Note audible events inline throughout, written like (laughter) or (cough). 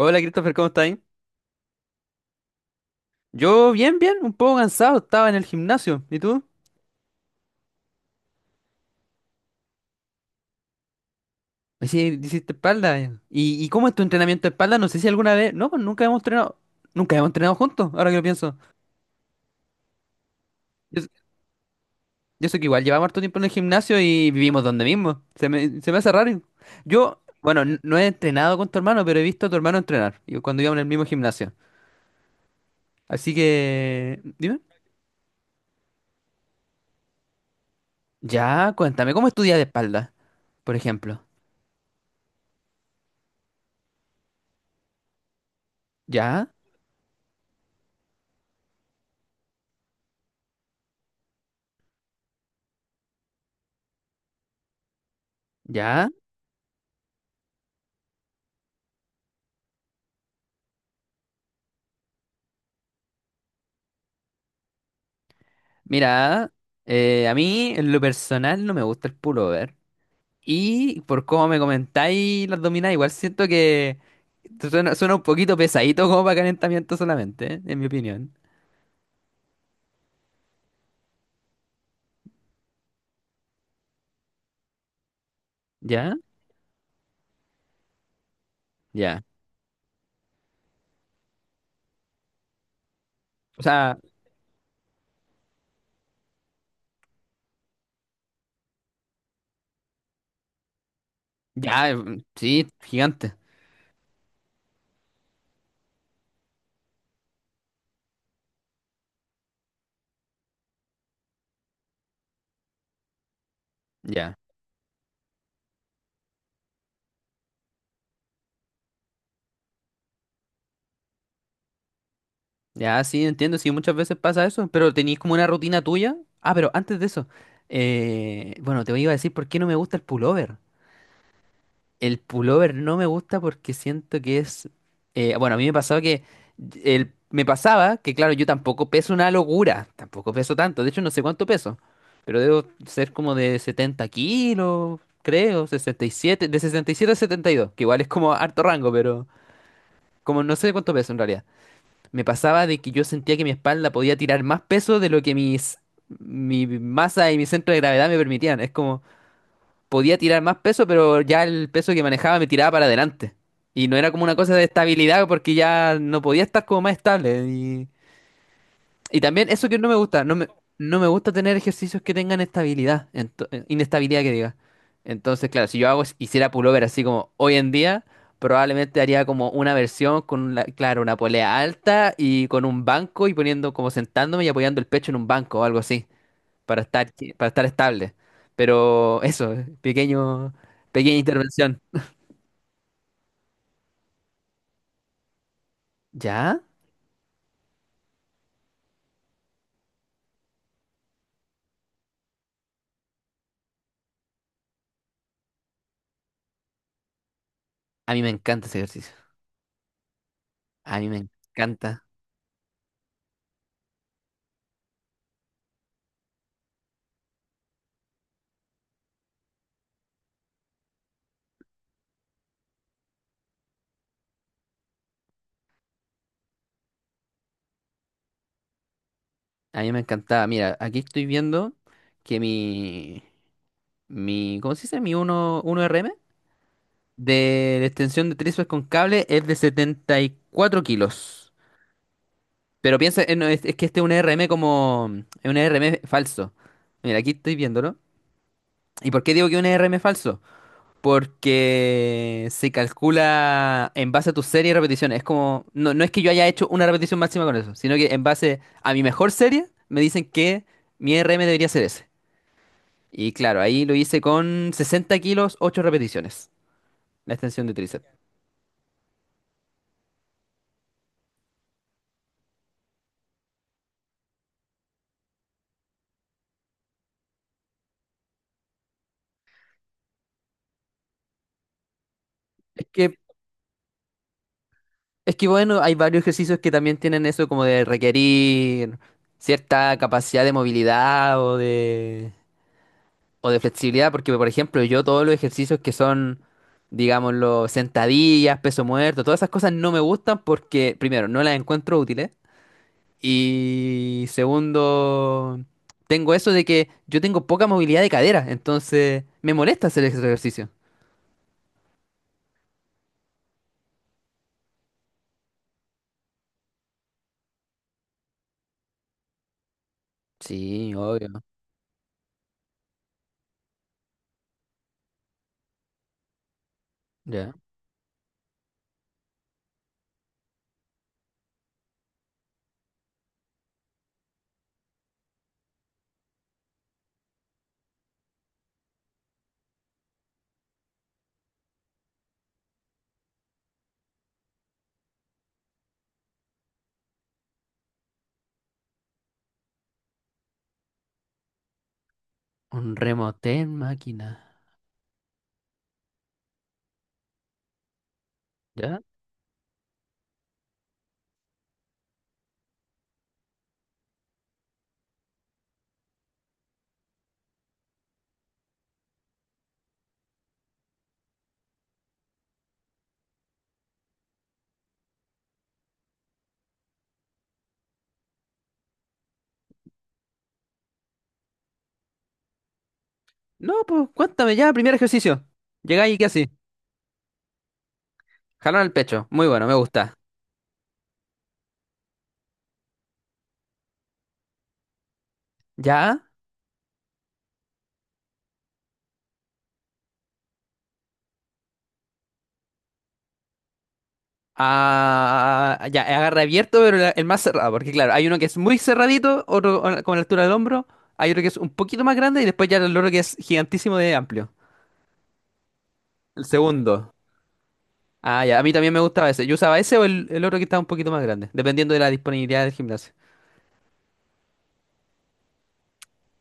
Hola Christopher, ¿cómo estás? Yo bien, bien, un poco cansado, estaba en el gimnasio. ¿Y tú? Sí, hiciste espalda. ¿Y cómo es tu entrenamiento de espalda? No sé si alguna vez... No, pues nunca hemos entrenado... Nunca hemos entrenado juntos, ahora que lo pienso. Yo, yo sé que igual llevamos harto tiempo en el gimnasio y vivimos donde mismo. Se me hace raro. Yo, bueno, no he entrenado con tu hermano, pero he visto a tu hermano entrenar. Yo cuando íbamos en el mismo gimnasio. Así que... Dime. Ya, cuéntame, ¿cómo estudias de espalda, por ejemplo? ¿Ya? ¿Ya? Mira, a mí en lo personal no me gusta el pullover. Y por cómo me comentáis las dominadas, igual siento que suena un poquito pesadito como para calentamiento solamente, ¿eh? En mi opinión. ¿Ya? Ya. O sea, ya, mm, sí, gigante. Ya. Ya, sí, entiendo, sí, muchas veces pasa eso, pero tenéis como una rutina tuya. Ah, pero antes de eso, bueno, te iba a decir por qué no me gusta el pullover. El pullover no me gusta porque siento que es. Bueno, a mí me pasaba que. Me pasaba que, claro, yo tampoco peso una locura. Tampoco peso tanto. De hecho, no sé cuánto peso. Pero debo ser como de 70 kilos, creo. 67. De 67 a 72. Que igual es como harto rango, pero. Como no sé cuánto peso en realidad. Me pasaba de que yo sentía que mi espalda podía tirar más peso de lo que mis. Mi masa y mi centro de gravedad me permitían. Es como podía tirar más peso, pero ya el peso que manejaba me tiraba para adelante. Y no era como una cosa de estabilidad porque ya no podía estar como más estable. Y también eso que no me gusta, no me, no me gusta tener ejercicios que tengan estabilidad, inestabilidad que diga. Entonces, claro, si yo hiciera pullover así como hoy en día, probablemente haría como una versión con, claro, una polea alta y con un banco y poniendo como sentándome y apoyando el pecho en un banco o algo así para estar, para estar estable. Pero eso, pequeño, pequeña intervención. ¿Ya? A mí me encanta ese ejercicio. A mí me encanta. A mí me encantaba. Mira, aquí estoy viendo que mi, ¿cómo se dice? Mi uno 1RM de la extensión de tríceps con cable es de 74 kilos. Pero piensa, no, es que este es un RM como, es un RM falso. Mira, aquí estoy viéndolo. ¿Y por qué digo que es un RM falso? Porque se calcula en base a tu serie de repeticiones. Es como, no, no es que yo haya hecho una repetición máxima con eso, sino que en base a mi mejor serie me dicen que mi RM debería ser ese. Y claro, ahí lo hice con 60 kilos, 8 repeticiones, la extensión de tríceps. Es que, es que bueno, hay varios ejercicios que también tienen eso como de requerir cierta capacidad de movilidad o de... O de flexibilidad, porque por ejemplo, yo todos los ejercicios que son, digámoslo, sentadillas, peso muerto, todas esas cosas no me gustan porque, primero, no las encuentro útiles. Y segundo, tengo eso de que yo tengo poca movilidad de cadera, entonces me molesta hacer ese ejercicio. Sí, obvio. Ya. Un remote en máquina. ¿Ya? No, pues cuéntame ya, primer ejercicio. Llegáis y qué así. Jalón al pecho. Muy bueno, me gusta. ¿Ya? Ah, ya, agarra abierto, pero el más cerrado, porque claro, hay uno que es muy cerradito, otro con la altura del hombro, hay otro que es un poquito más grande y después ya el otro que es gigantísimo de amplio. El segundo. Ah, ya, a mí también me gustaba ese. Yo usaba ese o el otro que estaba un poquito más grande, dependiendo de la disponibilidad del gimnasio.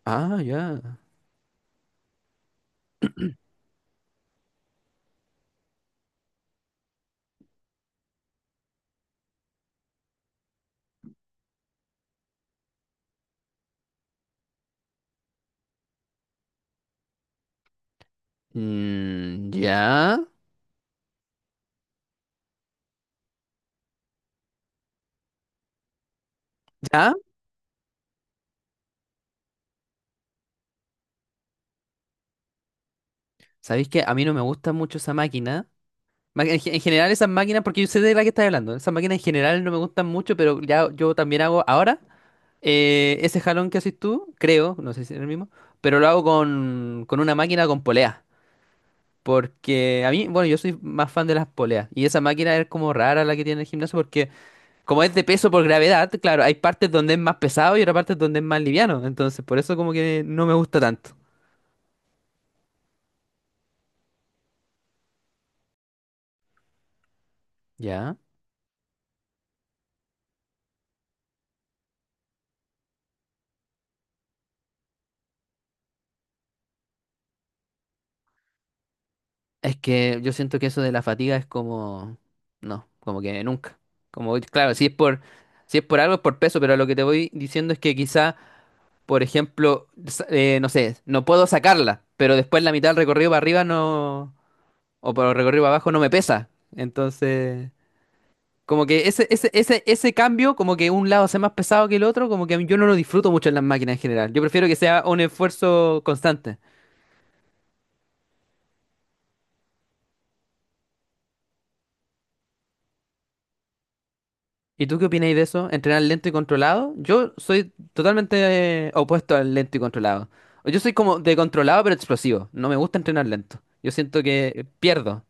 Ah, ya. Mm, ya. ¿Ya? ¿Sabéis que a mí no me gusta mucho esa máquina? En general esas máquinas, porque yo sé de la que estás hablando, esas máquinas en general no me gustan mucho, pero ya yo también hago ahora. Ese jalón que haces tú, creo, no sé si es el mismo, pero lo hago con, una máquina con polea. Porque a mí, bueno, yo soy más fan de las poleas. Y esa máquina es como rara la que tiene el gimnasio porque como es de peso por gravedad, claro, hay partes donde es más pesado y otras partes donde es más liviano. Entonces, por eso como que no me gusta tanto. Ya. Es que yo siento que eso de la fatiga es como... No, como que nunca. Como, claro, si es por algo es por peso, pero lo que te voy diciendo es que quizá... Por ejemplo, no sé, no puedo sacarla, pero después la mitad del recorrido para arriba no, o para el recorrido para abajo no me pesa. Entonces, como que ese cambio, como que un lado sea más pesado que el otro, como que a mí- yo no lo disfruto mucho en las máquinas en general. Yo prefiero que sea un esfuerzo constante. ¿Y tú qué opináis de eso? ¿Entrenar lento y controlado? Yo soy totalmente opuesto al lento y controlado. Yo soy como de controlado pero explosivo. No me gusta entrenar lento. Yo siento que pierdo.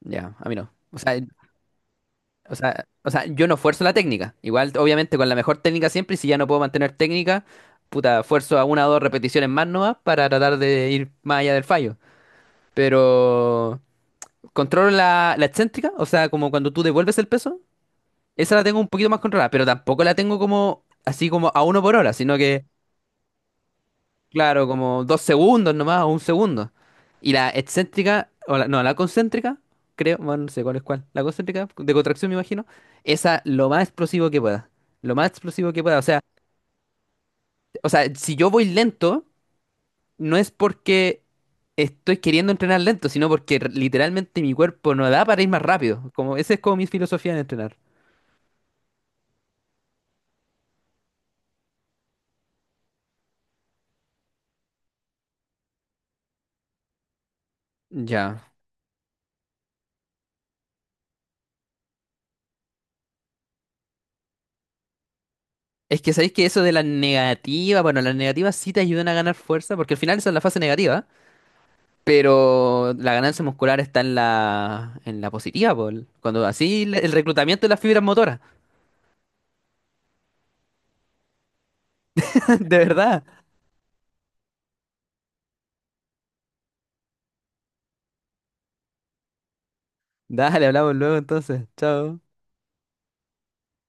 Ya, a mí no. O sea, yo no fuerzo la técnica. Igual, obviamente, con la mejor técnica siempre, y si ya no puedo mantener técnica, puta, fuerzo a una o dos repeticiones más nomás para tratar de ir más allá del fallo. Pero controlo la excéntrica, o sea, como cuando tú devuelves el peso, esa la tengo un poquito más controlada, pero tampoco la tengo como así como a uno por hora, sino que claro, como 2 segundos nomás, o 1 segundo. Y la excéntrica, o no, la concéntrica, creo, bueno, no sé cuál es cuál. La concéntrica, de contracción me imagino, esa lo más explosivo que pueda. Lo más explosivo que pueda. O sea, si yo voy lento, no es porque estoy queriendo entrenar lento, sino porque literalmente mi cuerpo no da para ir más rápido. Como, esa es como mi filosofía en entrenar. Ya. Es que sabéis que eso de la negativa, bueno, las negativas sí te ayudan a ganar fuerza, porque al final esa es la fase negativa. Pero la ganancia muscular está en la positiva, Paul. Cuando así el reclutamiento de las fibras motoras. (laughs) De verdad. Dale, hablamos luego entonces. Chao.